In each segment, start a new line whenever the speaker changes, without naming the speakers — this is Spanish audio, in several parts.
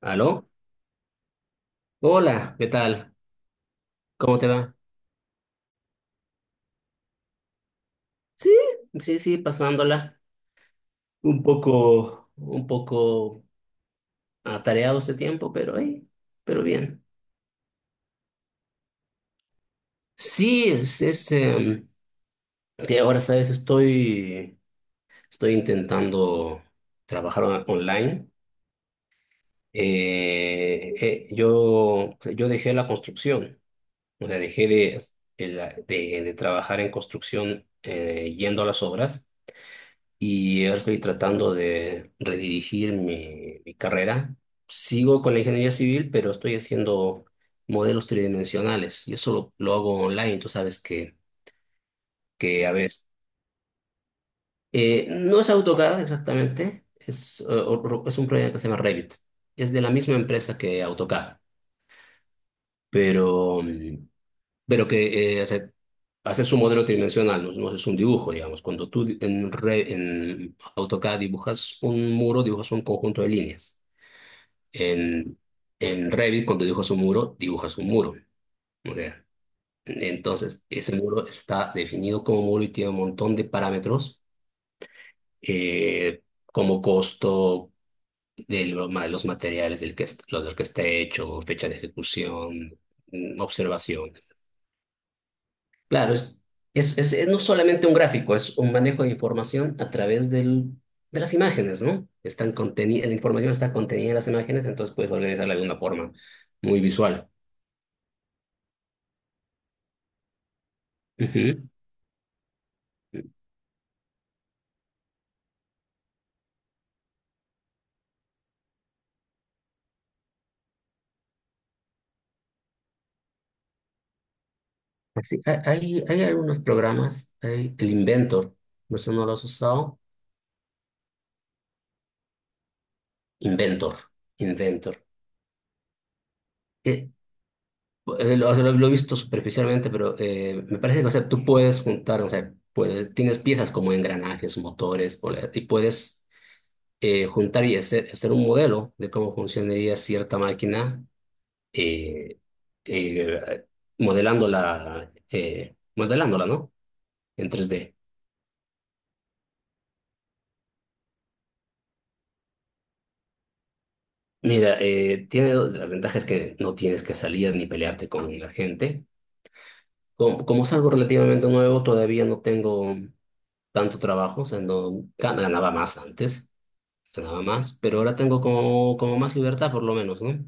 ¿Aló? Hola, ¿qué tal? ¿Cómo te va? Sí, sí, sí, pasándola. Un poco atareado este tiempo, pero bien. Sí, es que ahora, ¿sabes? Estoy intentando trabajar online. Yo dejé la construcción, o sea, dejé de trabajar en construcción yendo a las obras y ahora estoy tratando de redirigir mi carrera. Sigo con la ingeniería civil, pero estoy haciendo modelos tridimensionales y eso lo hago online. Tú sabes que a veces no es AutoCAD exactamente, es, es un proyecto que se llama Revit. Es de la misma empresa que AutoCAD, pero, pero que hace su modelo tridimensional, no, no es un dibujo, digamos. Cuando tú di- en, Re- en AutoCAD dibujas un muro, dibujas un conjunto de líneas. En, en Revit, cuando dibujas un muro, dibujas un muro. O sea, entonces, ese muro está definido como muro y tiene un montón de parámetros, como costo de los materiales del que, lo del que está hecho, fecha de ejecución, observaciones. Claro, es no solamente un gráfico, es un manejo de información a través de las imágenes, ¿no? La información está contenida en las imágenes, entonces puedes organizarla de una forma muy visual. Ujú. Pues sí, hay, hay algunos programas, hay el Inventor, no sé, no lo has usado. Inventor, Inventor. Eh, lo, o sea, lo- Lo he visto superficialmente, pero me parece que, o sea, tú puedes juntar, o sea, puedes, tienes piezas como engranajes, motores, y puedes juntar y hacer un modelo de cómo funcionaría cierta máquina, eh, eh, modelándola, modelándola, ¿no? En tres d. Mira, tiene dos las ventajas que no tienes que salir ni pelearte con la gente. Como es algo relativamente nuevo, todavía no tengo tanto trabajo, o sea, no ganaba más antes, ganaba más, pero ahora tengo como, como más libertad por lo menos, ¿no?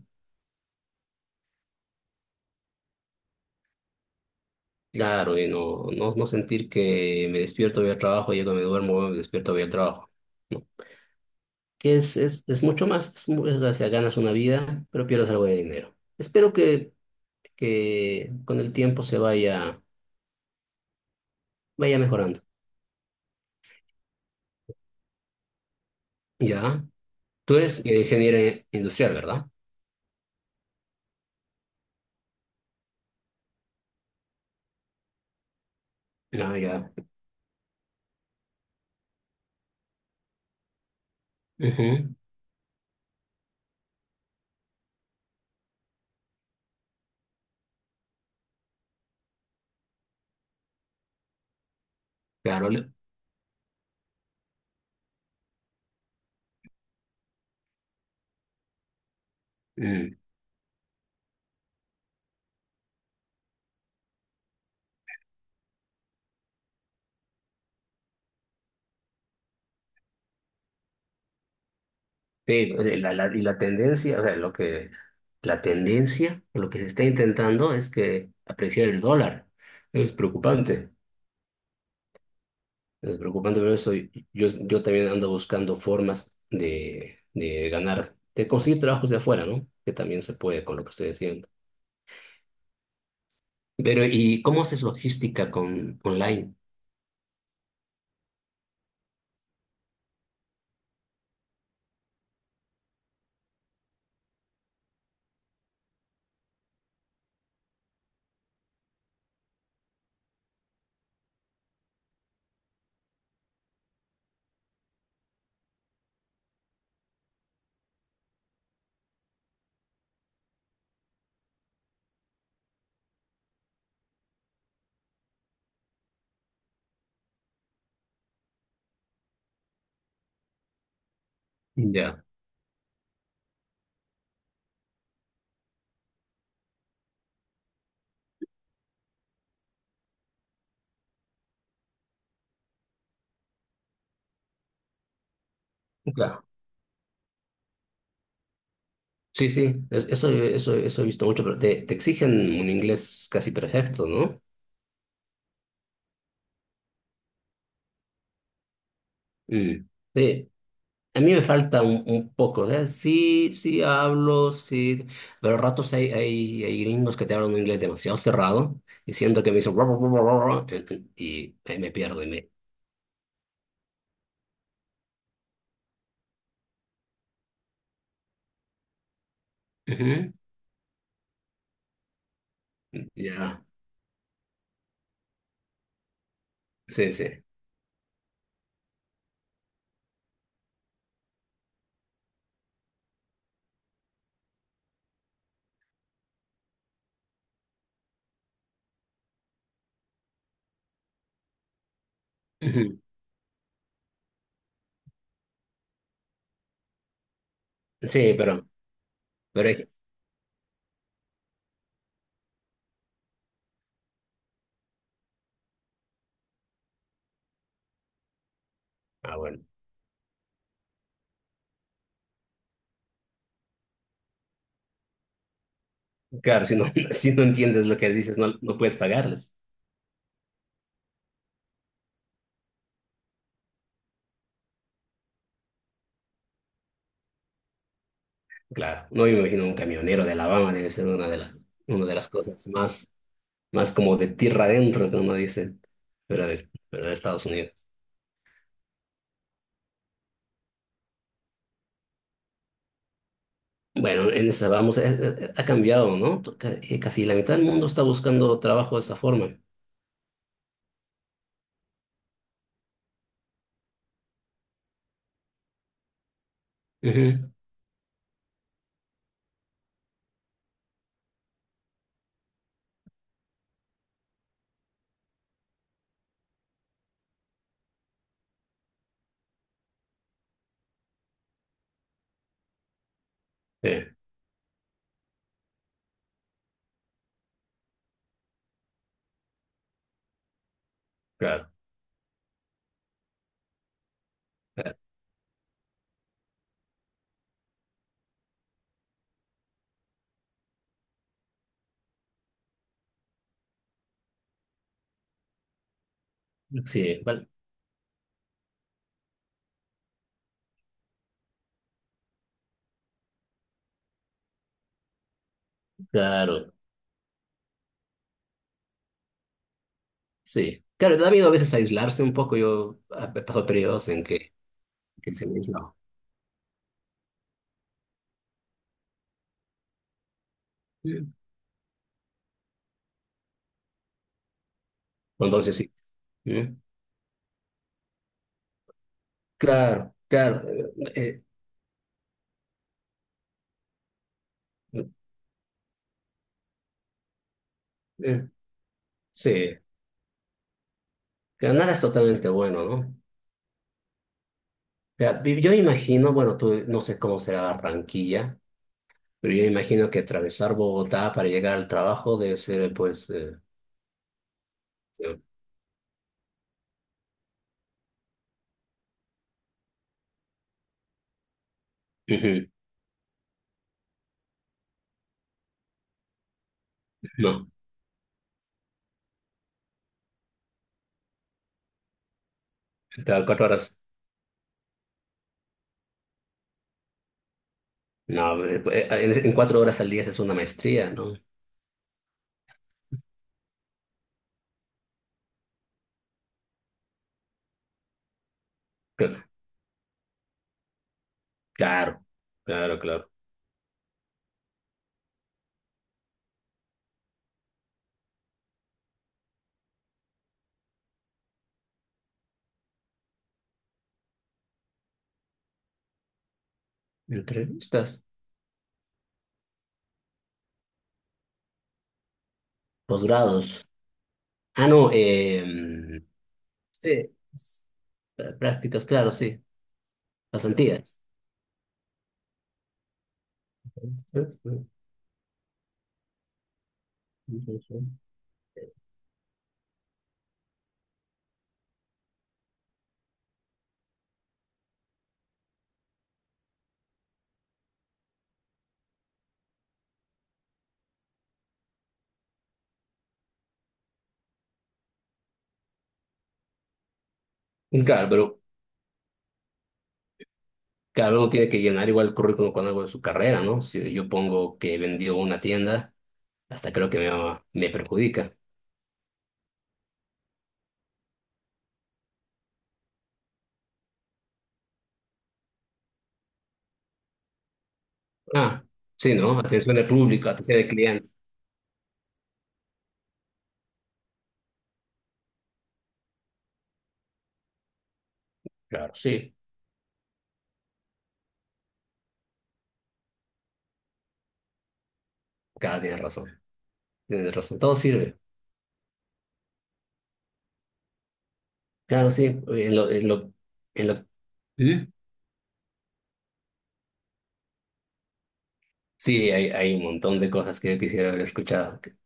Claro, y no sentir que me despierto, voy al trabajo, llego, me duermo, me despierto, voy al trabajo. No. Que es mucho más, o sea, ganas una vida, pero pierdes algo de dinero. Espero que con el tiempo vaya mejorando. Ya, tú eres ingeniero industrial, ¿verdad? Ah, ya. Ujú. Claro. Mm. Sí, y la tendencia, o sea, lo que, la tendencia, lo que se está intentando es que apreciar el dólar. Es preocupante. Es preocupante, pero eso, yo también ando buscando formas de ganar, de conseguir trabajos de afuera, ¿no? Que también se puede con lo que estoy haciendo. Pero, ¿y cómo haces logística con online? Ya. Sí, sí, eso he visto mucho, pero te exigen un inglés casi perfecto, ¿no? Mm. Sí, a mí me falta un poco, o sea, sí, sí hablo, sí, pero a ratos hay gringos que te hablan un inglés demasiado cerrado, diciendo que me dicen "Ruah, ruah, ruah, ruah", y ahí me pierdo y me... Ujú. Ya, sí, sí. Ujú. Sí, pero, pero hay- ah, bueno, claro, si no, si no entiendes lo que dices, no, no puedes pagarles. Claro, no, yo me imagino un camionero de Alabama debe ser una de las cosas más, más como de tierra adentro que uno dice, pero pero de Estados Unidos. Bueno, en esa vamos, ha cambiado, ¿no? Casi la mitad del mundo está buscando trabajo de esa forma. Ujú. Sí, claro, claro. Sí, vale, claro, sí. Claro, da miedo a veces aislarse un poco. Yo he pasado periodos en que se me ha aislado. Sí. Entonces sí. ¿Mm? Claro, claro. eh, eh, eh, sí, que nada es totalmente bueno, ¿no? O sea, yo imagino, bueno, tú no sé cómo será Barranquilla, pero yo imagino que atravesar Bogotá para llegar al trabajo debe ser, pues, eh, ujú, no, cada cuatro horas, no, pues, en cuatro horas al día es una maestría, ¿no? Claro, claro, claro. Entrevistas, posgrados. Ah, no, sí, prácticas, claro, sí, pasantías. Claro, pero cada uno tiene que llenar igual el currículum con algo de su carrera, ¿no? Si yo pongo que he vendido una tienda, hasta creo que me perjudica. Ah, sí, ¿no? Atención al público, atención al cliente. Claro, sí, cada tiene razón. Tienes razón, todo sirve. Claro, sí. En lo- Sí, sí, hay un montón de cosas que yo quisiera haber escuchado.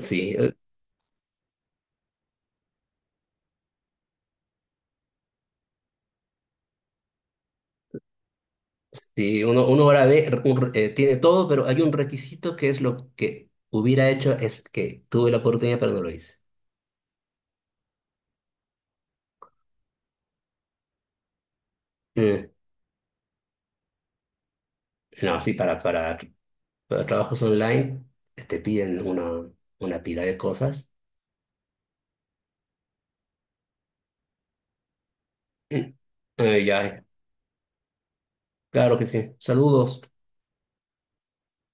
Sí, sí, uno ahora ve, tiene todo, pero hay un requisito que es lo que hubiera hecho, es que tuve la oportunidad, pero no lo hice. Mm. No, sí, para trabajos online te piden una pila de cosas. Ya, claro que sí. Saludos.